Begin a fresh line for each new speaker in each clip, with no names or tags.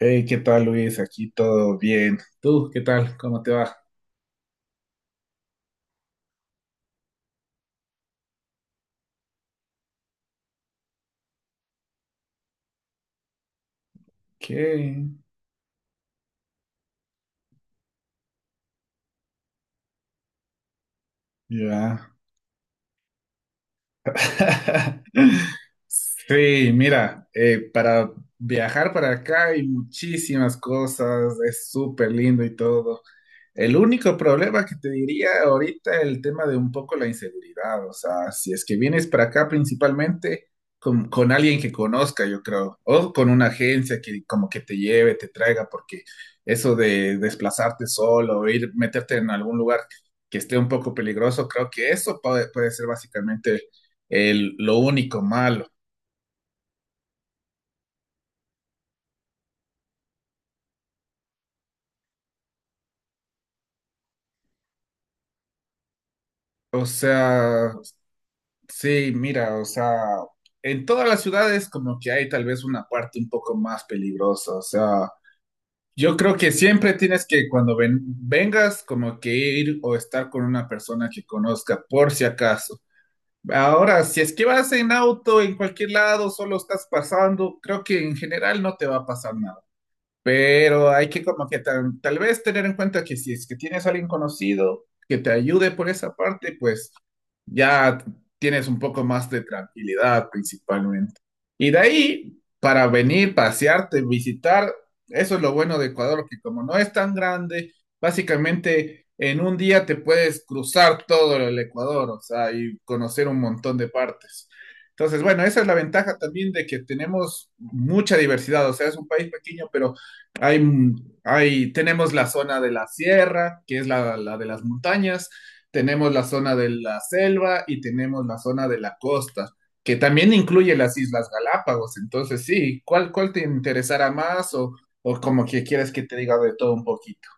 Hey, ¿qué tal Luis? Aquí todo bien. ¿Tú qué tal? ¿Cómo te va? ¿Qué? Ya. Sí, mira, para viajar para acá hay muchísimas cosas, es súper lindo y todo. El único problema que te diría ahorita el tema de un poco la inseguridad, o sea, si es que vienes para acá principalmente con alguien que conozca, yo creo, o con una agencia que como que te lleve, te traiga, porque eso de desplazarte solo, o ir, meterte en algún lugar que esté un poco peligroso, creo que eso puede ser básicamente lo único malo. O sea, sí, mira, o sea, en todas las ciudades como que hay tal vez una parte un poco más peligrosa, o sea, yo creo que siempre tienes que cuando vengas como que ir o estar con una persona que conozca por si acaso. Ahora, si es que vas en auto, en cualquier lado, solo estás pasando, creo que en general no te va a pasar nada. Pero hay que como que tal vez tener en cuenta que si es que tienes a alguien conocido que te ayude por esa parte, pues ya tienes un poco más de tranquilidad principalmente. Y de ahí, para venir, pasearte, visitar, eso es lo bueno de Ecuador, que como no es tan grande, básicamente en un día te puedes cruzar todo el Ecuador, o sea, y conocer un montón de partes. Entonces, bueno, esa es la ventaja también de que tenemos mucha diversidad, o sea, es un país pequeño, pero hay, tenemos la zona de la sierra, que es la de las montañas, tenemos la zona de la selva y tenemos la zona de la costa, que también incluye las Islas Galápagos. Entonces, sí, cuál te interesará más, o como que quieres que te diga de todo un poquito?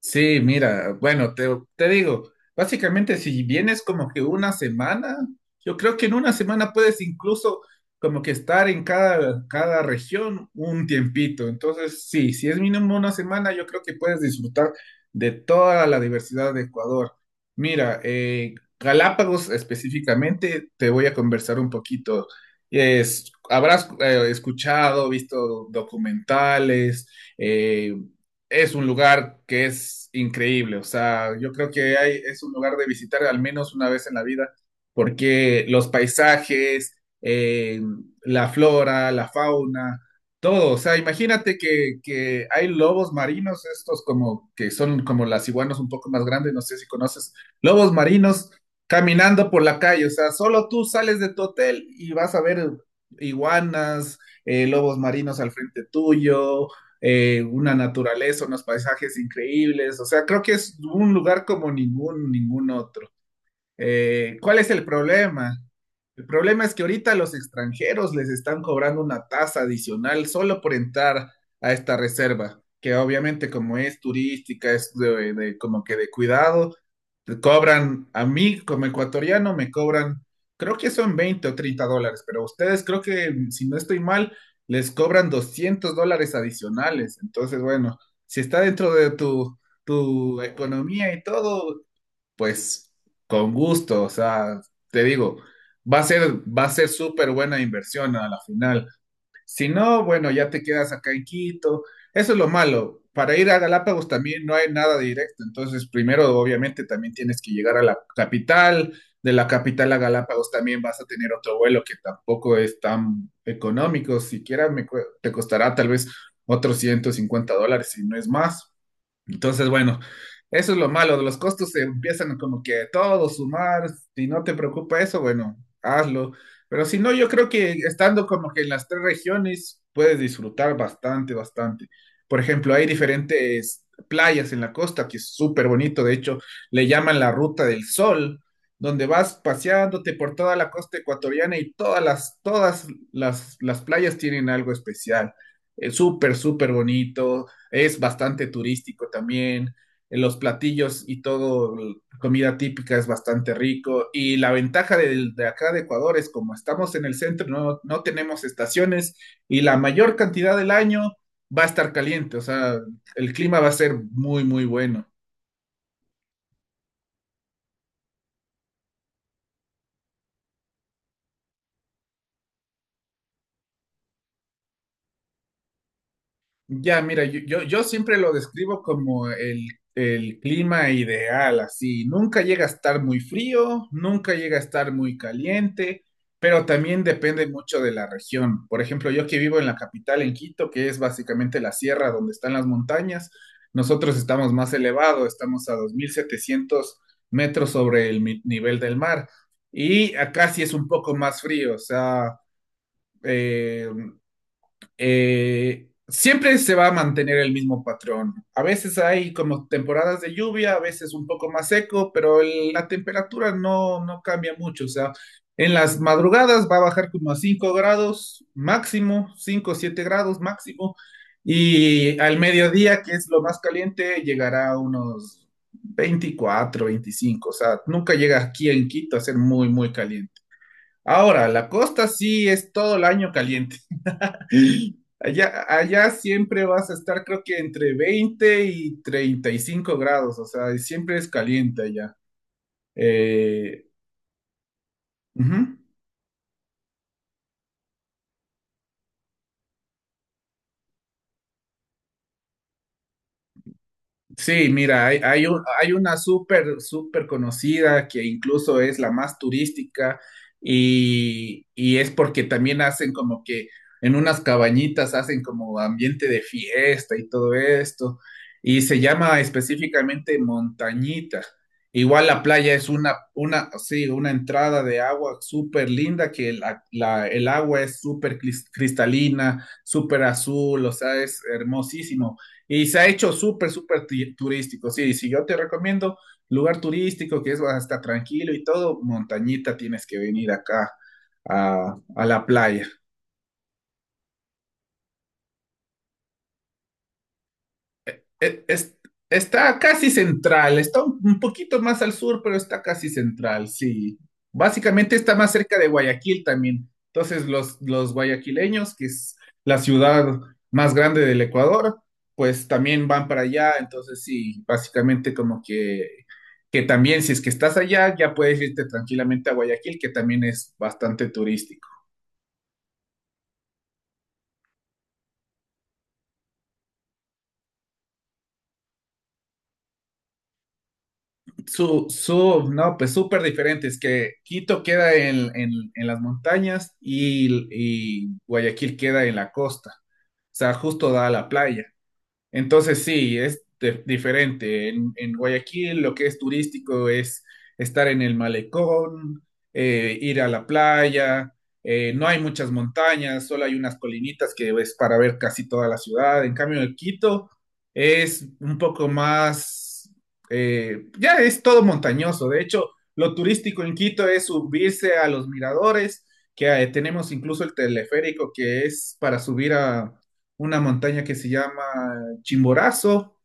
Sí, mira, bueno, te digo, básicamente si vienes como que una semana, yo creo que en una semana puedes incluso como que estar en cada región un tiempito. Entonces, sí, si es mínimo una semana, yo creo que puedes disfrutar de toda la diversidad de Ecuador. Mira, Galápagos específicamente, te voy a conversar un poquito. Es, habrás escuchado, visto documentales, eh, es un lugar que es increíble. O sea, yo creo que hay, es un lugar de visitar al menos una vez en la vida, porque los paisajes, eh, la flora, la fauna, todo. O sea, imagínate que hay lobos marinos, estos como que son como las iguanas un poco más grandes, no sé si conoces, lobos marinos caminando por la calle. O sea, solo tú sales de tu hotel y vas a ver iguanas, lobos marinos al frente tuyo, una naturaleza, unos paisajes increíbles, o sea, creo que es un lugar como ningún otro. ¿Cuál es el problema? El problema es que ahorita los extranjeros les están cobrando una tasa adicional solo por entrar a esta reserva, que obviamente como es turística, es como que de cuidado, te cobran, a mí como ecuatoriano me cobran, creo que son $20 o $30, pero a ustedes creo que, si no estoy mal, les cobran $200 adicionales. Entonces, bueno, si está dentro de tu economía y todo, pues con gusto, o sea, te digo, va a ser, va a ser súper buena inversión a la final. Si no, bueno, ya te quedas acá en Quito. Eso es lo malo. Para ir a Galápagos también no hay nada directo. Entonces, primero, obviamente, también tienes que llegar a la capital. De la capital a Galápagos también vas a tener otro vuelo que tampoco es tan económico. Siquiera te costará tal vez otros $150, si no es más. Entonces, bueno, eso es lo malo, los costos se empiezan como que a todo sumar, si no te preocupa eso, bueno, hazlo. Pero si no, yo creo que estando como que en las tres regiones puedes disfrutar bastante, bastante. Por ejemplo, hay diferentes playas en la costa que es súper bonito, de hecho, le llaman la Ruta del Sol, donde vas paseándote por toda la costa ecuatoriana y todas las playas tienen algo especial. Es súper, súper bonito, es bastante turístico también, los platillos y todo, comida típica es bastante rico y la ventaja del de acá de Ecuador es como estamos en el centro, no tenemos estaciones y la mayor cantidad del año va a estar caliente, o sea, el clima va a ser muy, muy bueno. Ya, mira, yo siempre lo describo como el clima ideal, así. Nunca llega a estar muy frío, nunca llega a estar muy caliente, pero también depende mucho de la región. Por ejemplo, yo que vivo en la capital, en Quito, que es básicamente la sierra donde están las montañas, nosotros estamos más elevados, estamos a 2700 metros sobre el nivel del mar. Y acá sí es un poco más frío, o sea... eh, siempre se va a mantener el mismo patrón. A veces hay como temporadas de lluvia, a veces un poco más seco, pero la temperatura no cambia mucho. O sea, en las madrugadas va a bajar como a 5 grados máximo, 5 o 7 grados máximo, y al mediodía, que es lo más caliente, llegará a unos 24, 25. O sea, nunca llega aquí en Quito a ser muy, muy caliente. Ahora, la costa sí es todo el año caliente. Allá siempre vas a estar, creo que entre 20 y 35 grados, o sea, siempre es caliente allá. Eh, ujú. Sí, mira, hay una súper, súper conocida que incluso es la más turística y es porque también hacen como que en unas cabañitas hacen como ambiente de fiesta y todo esto y se llama específicamente Montañita. Igual la playa es sí, una entrada de agua súper linda que el agua es súper cristalina, súper azul, o sea, es hermosísimo. Y se ha hecho súper, súper turístico. Sí, si yo te recomiendo lugar turístico que es hasta tranquilo y todo, Montañita, tienes que venir acá a la playa. e- es- Está casi central, está un poquito más al sur, pero está casi central, sí. Básicamente está más cerca de Guayaquil también. Entonces, los guayaquileños, que es la ciudad más grande del Ecuador, pues también van para allá. Entonces, sí, básicamente como que también si es que estás allá, ya puedes irte tranquilamente a Guayaquil, que también es bastante turístico. No, pues súper diferentes, que Quito queda en las montañas y Guayaquil queda en la costa. O sea, justo da a la playa. Entonces sí, es diferente. En Guayaquil lo que es turístico es estar en el malecón, ir a la playa. No hay muchas montañas, solo hay unas colinitas que es para ver casi toda la ciudad. En cambio, en Quito es un poco más, ya es todo montañoso. De hecho, lo turístico en Quito es subirse a los miradores, que tenemos incluso el teleférico que es para subir a una montaña que se llama Chimborazo,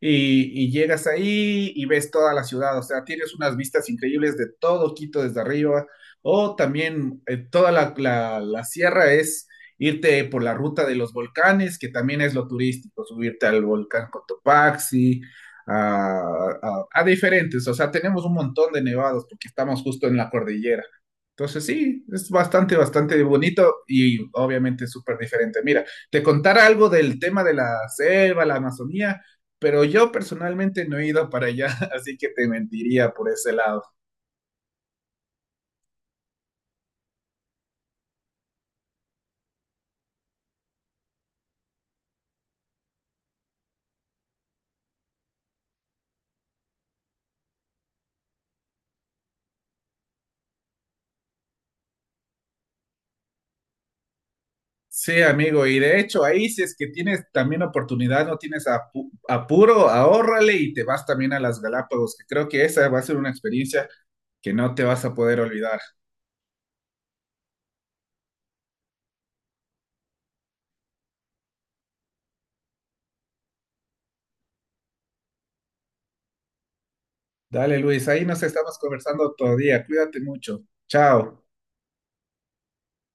y llegas ahí y ves toda la ciudad, o sea, tienes unas vistas increíbles de todo Quito desde arriba, o también, toda la sierra es irte por la ruta de los volcanes, que también es lo turístico, subirte al volcán Cotopaxi, a, a diferentes, o sea, tenemos un montón de nevados porque estamos justo en la cordillera. Entonces sí, es bastante, bastante bonito y obviamente súper diferente. Mira, te contara algo del tema de la selva, la Amazonía, pero yo personalmente no he ido para allá, así que te mentiría por ese lado. Sí, amigo, y de hecho ahí si es que tienes también oportunidad, no tienes apuro, ahórrale y te vas también a las Galápagos, que creo que esa va a ser una experiencia que no te vas a poder olvidar. Dale, Luis, ahí nos estamos conversando todavía, cuídate mucho. Chao.